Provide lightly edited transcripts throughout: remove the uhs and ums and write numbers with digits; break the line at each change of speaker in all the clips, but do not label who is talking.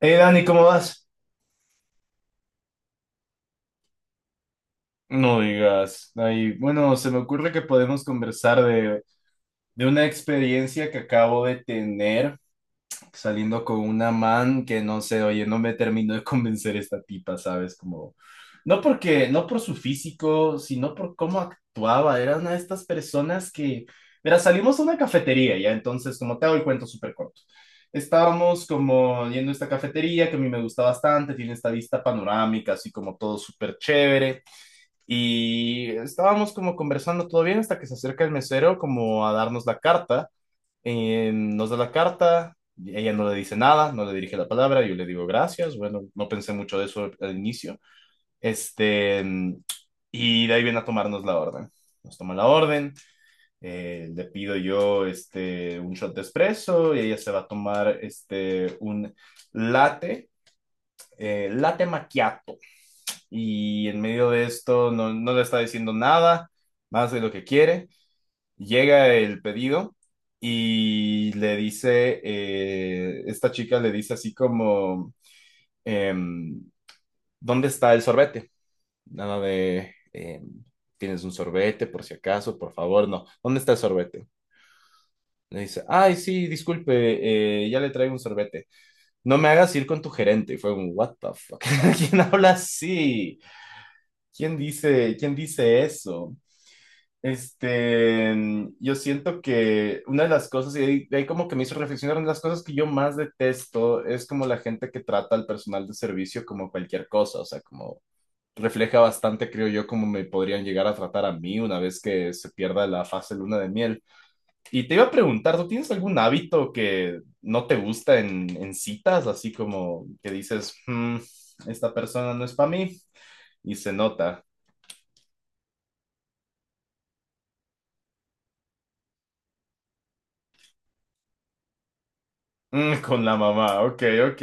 Hey Dani, ¿cómo vas? No digas. Ahí, bueno, se me ocurre que podemos conversar de una experiencia que acabo de tener. Saliendo con una man que no sé, oye, no me terminó de convencer esta tipa, ¿sabes? Como, no porque, no por su físico, sino por cómo actuaba. Era una de estas personas que, mira, salimos a una cafetería, ya, entonces, como te hago el cuento súper corto. Estábamos como yendo a esta cafetería que a mí me gusta bastante, tiene esta vista panorámica, así como todo súper chévere. Y estábamos como conversando todo bien hasta que se acerca el mesero como a darnos la carta. Nos da la carta, ella no le dice nada, no le dirige la palabra, yo le digo gracias, bueno, no pensé mucho de eso al inicio, este, y de ahí viene a tomarnos la orden. Nos toma la orden, le pido yo un shot de espresso y ella se va a tomar un latte, latte macchiato. Y en medio de esto no, no le está diciendo nada más de lo que quiere. Llega el pedido y le dice, esta chica le dice así como, em, ¿dónde está el sorbete? Nada de, ¿tienes un sorbete por si acaso? Por favor, no. ¿Dónde está el sorbete? Le dice, ay, sí, disculpe, ya le traigo un sorbete. No me hagas ir con tu gerente. Y fue un, what the fuck? ¿Quién habla así? ¿Quién dice eso? Yo siento que una de las cosas, y ahí, de ahí como que me hizo reflexionar, una de las cosas que yo más detesto es como la gente que trata al personal de servicio como cualquier cosa, o sea, como refleja bastante, creo yo, como me podrían llegar a tratar a mí una vez que se pierda la fase luna de miel. Y te iba a preguntar, ¿tú tienes algún hábito que no te gusta en citas, así como que dices, "Mm, esta persona no es para mí y se nota". Mm, con la mamá, ok, ok.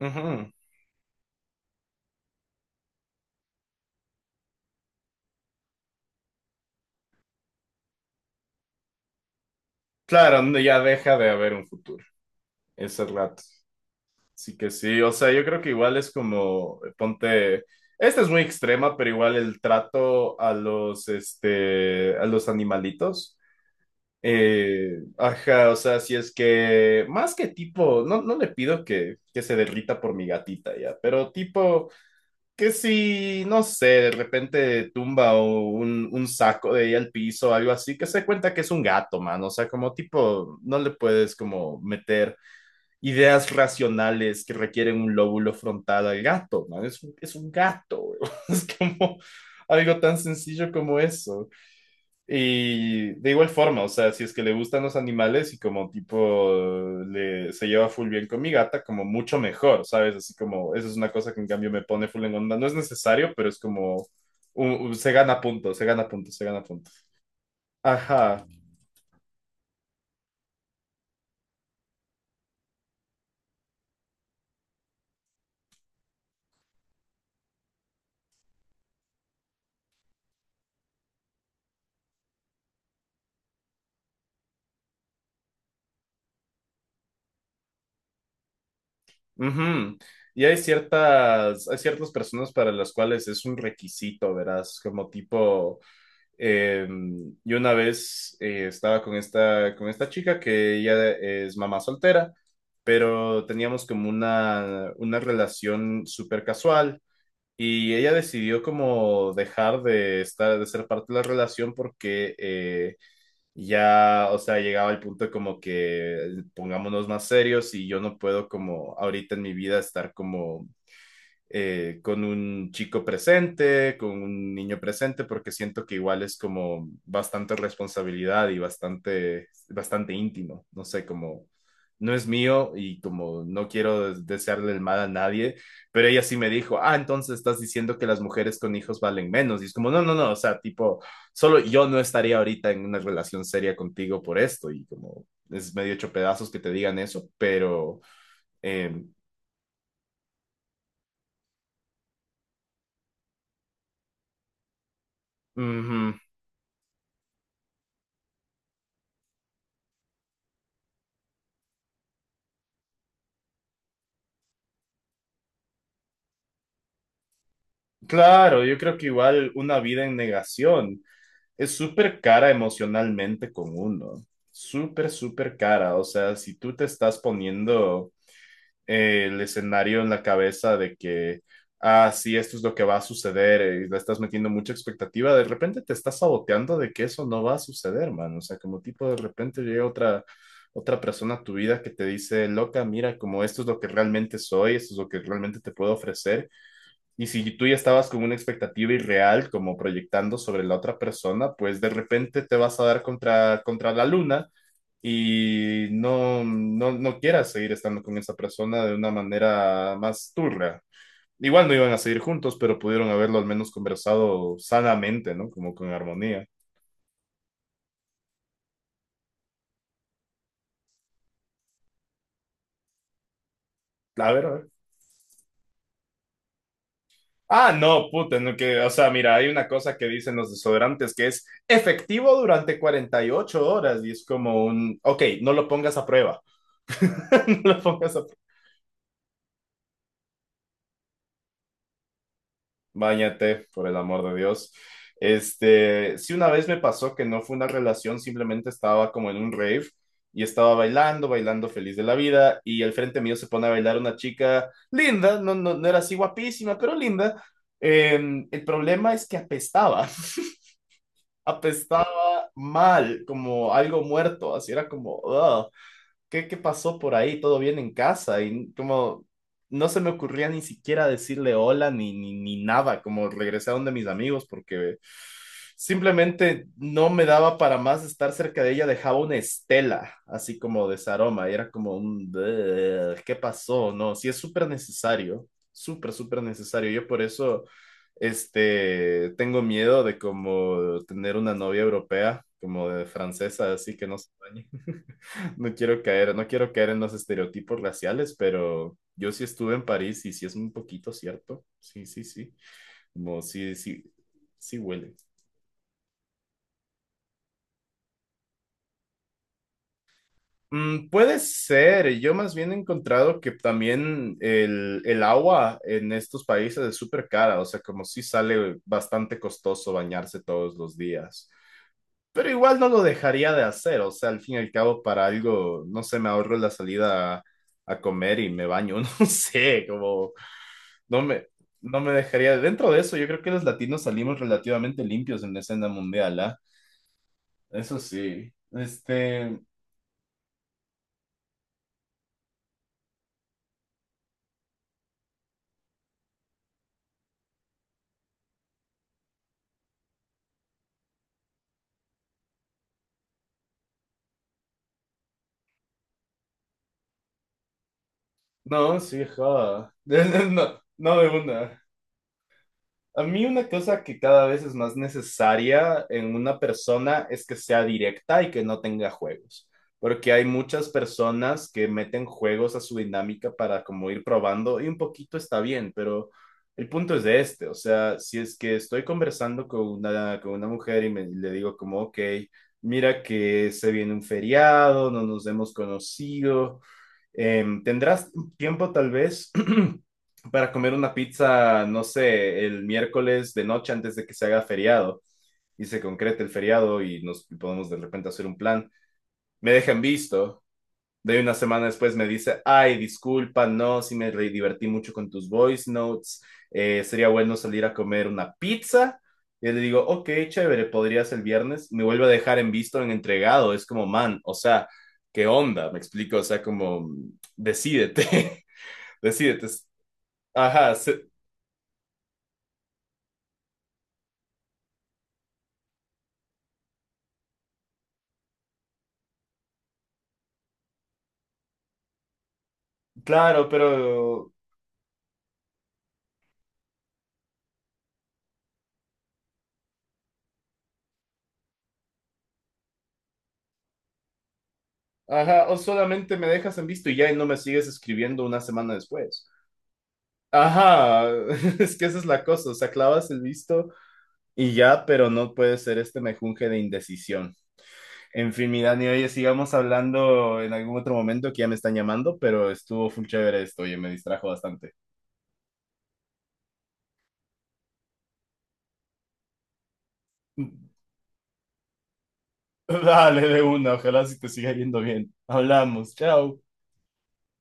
Ujú. Claro, no, ya deja de haber un futuro, ese rato. Así que sí, o sea, yo creo que igual es como, ponte, esta es muy extrema, pero igual el trato a los, a los animalitos. Ajá, o sea, si es que, más que tipo, no, no le pido que se derrita por mi gatita ya, pero tipo que si, no sé, de repente tumba o un saco de ella al piso o algo así, que se dé cuenta que es un gato, man. O sea, como tipo, no le puedes como meter ideas racionales que requieren un lóbulo frontal al gato, man. Es, es un gato, es como algo tan sencillo como eso. Y de igual forma, o sea, si es que le gustan los animales y como tipo se lleva full bien con mi gata, como mucho mejor, ¿sabes? Así como, eso es una cosa que en cambio me pone full en onda. No es necesario, pero es como, se gana puntos, se gana puntos, se gana puntos. Ajá. Ujú. Y hay hay ciertas personas para las cuales es un requisito, verás, como tipo... Eh, y una vez estaba con con esta chica que ella es mamá soltera, pero teníamos como una relación súper casual y ella decidió como dejar de estar, de ser parte de la relación porque ya, o sea, llegaba al punto como que pongámonos más serios y yo no puedo como ahorita en mi vida estar como con un chico presente, con un niño presente, porque siento que igual es como bastante responsabilidad y bastante, bastante íntimo, no sé, como no es mío y como no quiero desearle el mal a nadie, pero ella sí me dijo, ah, entonces estás diciendo que las mujeres con hijos valen menos, y es como, no, no, no, o sea, tipo, solo yo no estaría ahorita en una relación seria contigo por esto, y como es medio hecho pedazos que te digan eso, pero... Eh, ujú. Claro, yo creo que igual una vida en negación es súper cara emocionalmente con uno, súper, súper cara. O sea, si tú te estás poniendo el escenario en la cabeza de que, ah, sí, esto es lo que va a suceder y le estás metiendo mucha expectativa, de repente te estás saboteando de que eso no va a suceder, man. O sea, como tipo de repente llega otra persona a tu vida que te dice, loca, mira, como esto es lo que realmente soy, esto es lo que realmente te puedo ofrecer y si tú ya estabas con una expectativa irreal, como proyectando sobre la otra persona, pues de repente te vas a dar contra la luna y no, no, no quieras seguir estando con esa persona de una manera más turra. Igual no iban a seguir juntos, pero pudieron haberlo al menos conversado sanamente, ¿no? Como con armonía. A ver, a ver. Ah, no, puta, no, que, o sea, mira, hay una cosa que dicen los desodorantes que es efectivo durante 48 horas y es como un, ok, no lo pongas a prueba, no lo pongas a... Báñate, por el amor de Dios. Sí, una vez me pasó que no fue una relación, simplemente estaba como en un rave y estaba bailando, bailando feliz de la vida y al frente mío se pone a bailar una chica linda, no, no, no era así guapísima, pero linda. Eh, el problema es que apestaba, apestaba mal, como algo muerto, así era como, "Ugh". ¿Qué, qué pasó por ahí? ¿Todo bien en casa? Y como no se me ocurría ni siquiera decirle hola ni nada, como regresé a donde mis amigos porque simplemente no me daba para más estar cerca de ella, dejaba una estela así como de ese aroma y era como un, "Bleh, ¿qué pasó?". No, sí es súper necesario, súper, súper necesario. Yo por eso, tengo miedo de como tener una novia europea, como de francesa, así que no se bañe. No quiero caer, no quiero caer en los estereotipos raciales, pero yo sí estuve en París y sí es un poquito cierto. Sí, sí, sí. Como sí, sí, sí huele. Mm, puede ser, yo más bien he encontrado que también el agua en estos países es súper cara, o sea, como sí sale bastante costoso bañarse todos los días, pero igual no lo dejaría de hacer, o sea, al fin y al cabo para algo, no sé, me ahorro la salida a comer y me baño, no sé, como No me, no me dejaría. Dentro de eso, yo creo que los latinos salimos relativamente limpios en la escena mundial, ¿ah? Eso sí. Este. No, sí, joda. No, no de una. A mí una cosa que cada vez es más necesaria en una persona es que sea directa y que no tenga juegos, porque hay muchas personas que meten juegos a su dinámica para como ir probando y un poquito está bien, pero el punto es de o sea, si es que estoy conversando con con una mujer y me, le digo como, ok, mira que se viene un feriado, no nos hemos conocido. ¿Tendrás tiempo tal vez para comer una pizza, no sé, el miércoles de noche antes de que se haga feriado y se concrete el feriado y nos y podemos de repente hacer un plan? Me dejan visto. De una semana después me dice, ay, disculpa, no, sí me divertí mucho con tus voice notes, sería bueno salir a comer una pizza. Y le digo, ok, chévere, podrías el viernes. Me vuelve a dejar en visto, en entregado, es como, man, o sea, ¿qué onda? Me explico, o sea, como, decídete, decídete. Ajá, se- claro, pero, ajá, o solamente me dejas en visto y ya y no me sigues escribiendo una semana después. Ajá, es que esa es la cosa, o sea, clavas el visto y ya, pero no puede ser este mejunje de indecisión. En fin, mi Dani, oye, sigamos hablando en algún otro momento que ya me están llamando, pero estuvo full chévere esto, oye, me distrajo bastante. Dale, de una, ojalá si te siga yendo bien. Hablamos, chao.